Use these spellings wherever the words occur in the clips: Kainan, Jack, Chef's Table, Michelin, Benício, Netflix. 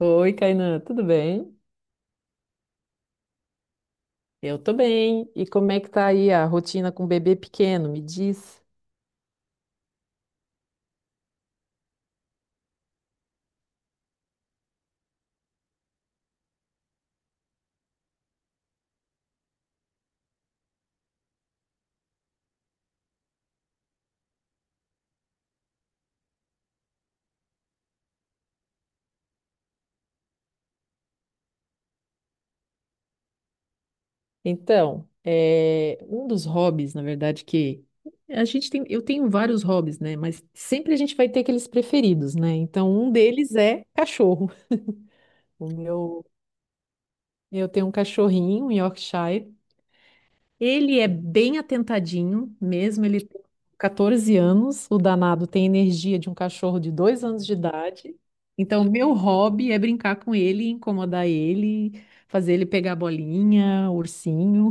Oi, Kainan, tudo bem? Eu tô bem. E como é que tá aí a rotina com o bebê pequeno? Me diz. Então, é, um dos hobbies, na verdade, que a gente tem, eu tenho vários hobbies, né? Mas sempre a gente vai ter aqueles preferidos, né? Então, um deles é cachorro. O meu, eu tenho um cachorrinho, um Yorkshire, ele é bem atentadinho, mesmo ele tem 14 anos, o danado tem energia de um cachorro de dois anos de idade. Então, meu hobby é brincar com ele, incomodar ele, fazer ele pegar bolinha, ursinho.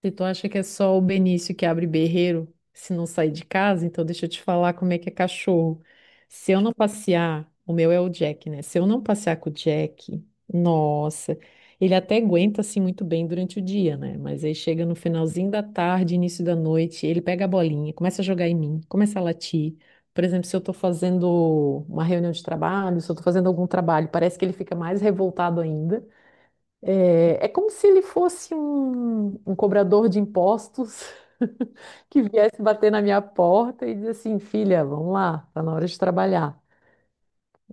Se tu acha que é só o Benício que abre berreiro se não sair de casa, então deixa eu te falar como é que é cachorro. Se eu não passear, o meu é o Jack, né? Se eu não passear com o Jack, nossa, ele até aguenta assim muito bem durante o dia, né? Mas aí chega no finalzinho da tarde, início da noite, ele pega a bolinha, começa a jogar em mim, começa a latir. Por exemplo, se eu tô fazendo uma reunião de trabalho, se eu tô fazendo algum trabalho, parece que ele fica mais revoltado ainda. É como se ele fosse um cobrador de impostos que viesse bater na minha porta e dizer assim, filha, vamos lá, tá na hora de trabalhar.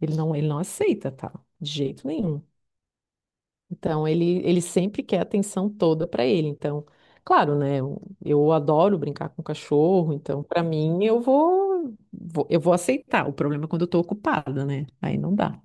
Ele não aceita, tá? De jeito nenhum. Então ele sempre quer a atenção toda para ele. Então, claro, né? Eu adoro brincar com cachorro, então para mim eu vou aceitar. O problema é quando eu tô ocupada, né? Aí não dá.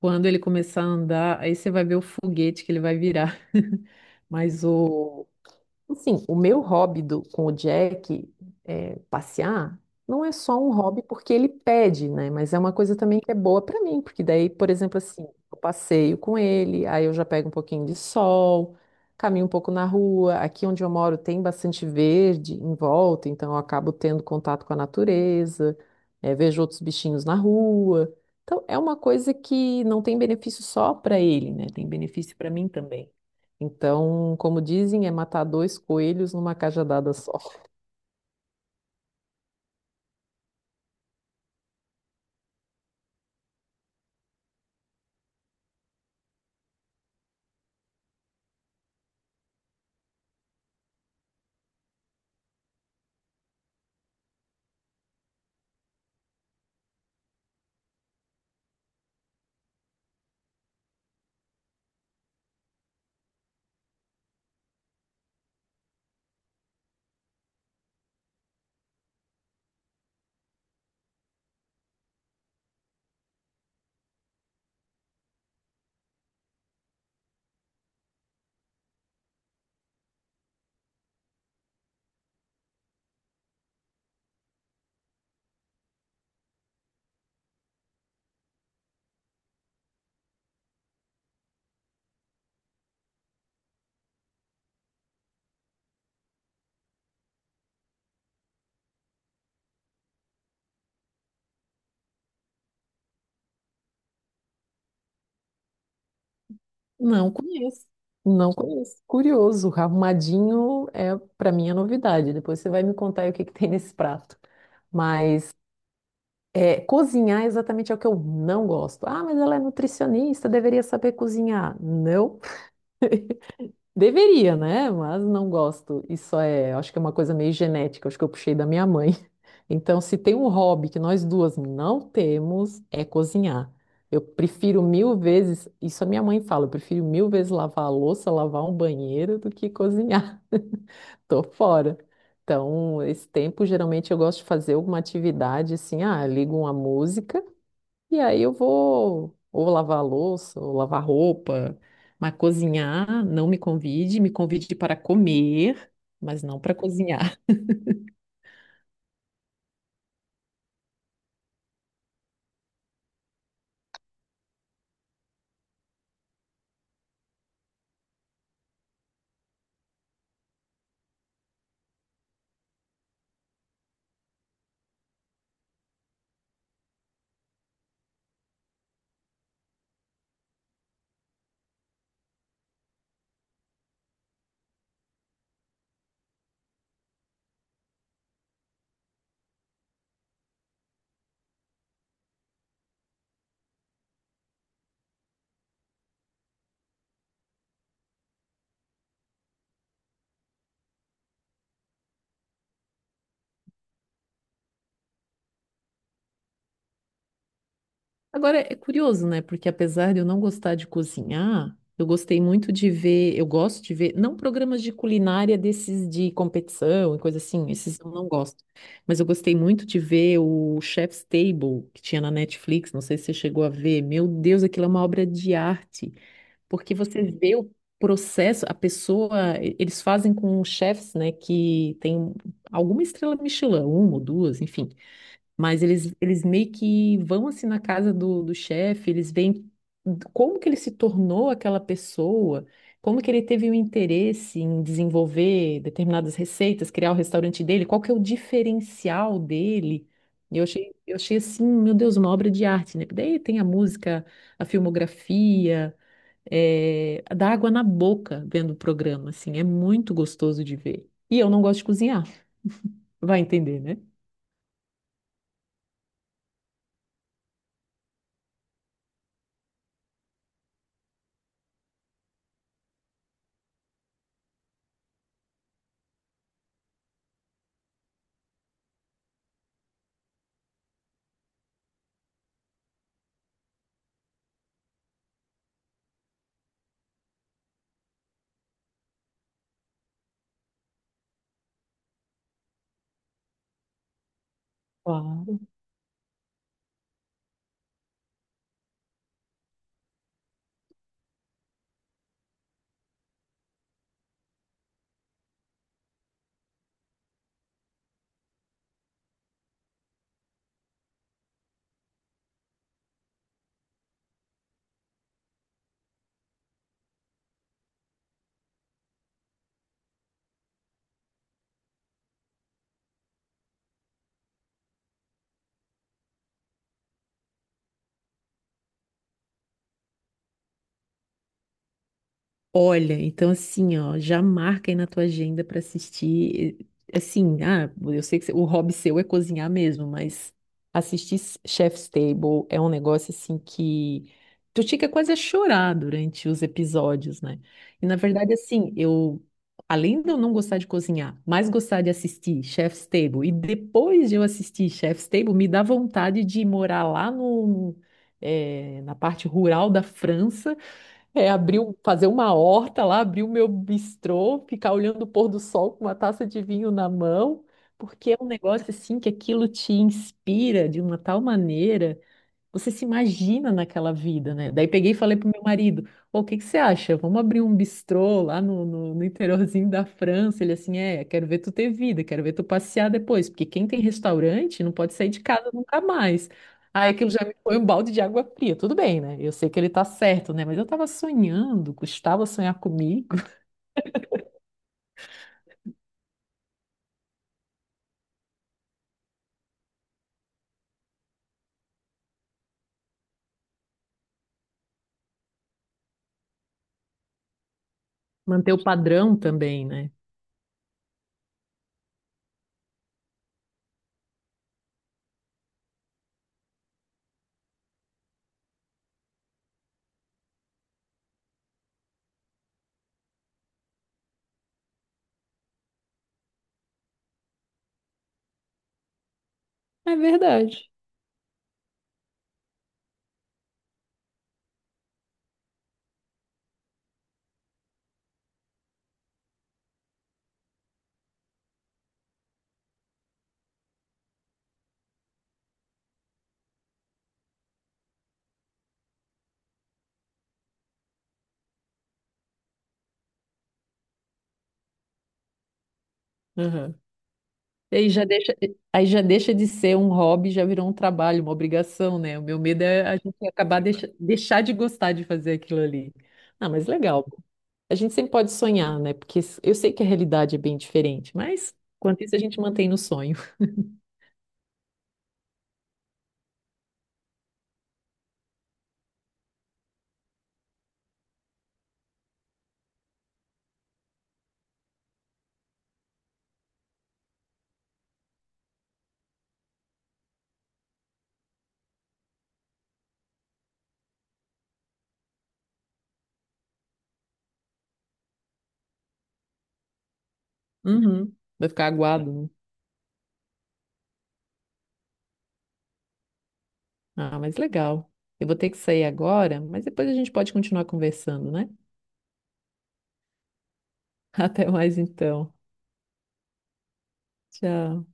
Quando ele começar a andar, aí você vai ver o foguete que ele vai virar. Mas o, Assim, o meu hobby com o Jack é, passear não é só um hobby porque ele pede, né? Mas é uma coisa também que é boa para mim, porque daí, por exemplo, assim, eu passeio com ele, aí eu já pego um pouquinho de sol, caminho um pouco na rua. Aqui onde eu moro tem bastante verde em volta, então eu acabo tendo contato com a natureza, vejo outros bichinhos na rua. Então, é uma coisa que não tem benefício só para ele, né? Tem benefício para mim também. Então, como dizem, é matar dois coelhos numa cajadada só. Não conheço. Não conheço. Curioso, arrumadinho é para mim a novidade. Depois você vai me contar aí o que que tem nesse prato. Mas cozinhar exatamente é o que eu não gosto. Ah, mas ela é nutricionista, deveria saber cozinhar. Não. Deveria, né? Mas não gosto. Isso é, acho que é uma coisa meio genética, acho que eu puxei da minha mãe. Então, se tem um hobby que nós duas não temos, é cozinhar. Eu prefiro mil vezes, isso a minha mãe fala, eu prefiro mil vezes lavar a louça, lavar um banheiro do que cozinhar. Tô fora. Então, esse tempo, geralmente eu gosto de fazer alguma atividade assim, ah, ligo uma música. E aí eu vou ou lavar a louça, ou lavar roupa, mas cozinhar, não me convide, me convide para comer, mas não para cozinhar. Agora é curioso, né? Porque apesar de eu não gostar de cozinhar, eu gostei muito de ver, eu gosto de ver, não programas de culinária desses de competição e coisa assim, esses eu não gosto. Mas eu gostei muito de ver o Chef's Table que tinha na Netflix, não sei se você chegou a ver. Meu Deus, aquilo é uma obra de arte. Porque você vê o processo, a pessoa, eles fazem com chefes, né, que tem alguma estrela Michelin, uma ou duas, enfim. Mas eles meio que vão assim na casa do chefe, eles veem como que ele se tornou aquela pessoa, como que ele teve o interesse em desenvolver determinadas receitas, criar o restaurante dele, qual que é o diferencial dele. E eu achei assim, meu Deus, uma obra de arte, né? Daí tem a música, a filmografia dá água na boca vendo o programa, assim, é muito gostoso de ver. E eu não gosto de cozinhar, vai entender, né? Claro. Olha, então assim, ó, já marca aí na tua agenda para assistir. Assim, ah, eu sei que o hobby seu é cozinhar mesmo, mas assistir Chef's Table é um negócio assim que tu fica quase a chorar durante os episódios, né? E na verdade, assim, além de eu não gostar de cozinhar, mas gostar de assistir Chef's Table, e depois de eu assistir Chef's Table, me dá vontade de morar lá no, eh, na parte rural da França abrir, fazer uma horta lá, abrir o meu bistrô, ficar olhando o pôr do sol com uma taça de vinho na mão, porque é um negócio assim que aquilo te inspira de uma tal maneira. Você se imagina naquela vida, né? Daí peguei e falei pro meu marido: Pô, o que que você acha? Vamos abrir um bistrô lá no interiorzinho da França. Ele assim: É, quero ver tu ter vida, quero ver tu passear depois, porque quem tem restaurante não pode sair de casa nunca mais. Aí aquilo já me foi um balde de água fria. Tudo bem, né? Eu sei que ele tá certo, né? Mas eu tava sonhando, custava sonhar comigo. Manter o padrão também, né? É verdade. Aham. E aí já deixa de ser um hobby, já virou um trabalho, uma obrigação, né? O meu medo é a gente acabar deixar de gostar de fazer aquilo ali. Ah, mas legal. A gente sempre pode sonhar, né? Porque eu sei que a realidade é bem diferente, mas quanto isso a gente mantém no sonho. Uhum. Vai ficar aguado, né? Ah, mas legal. Eu vou ter que sair agora, mas depois a gente pode continuar conversando, né? Até mais então. Tchau.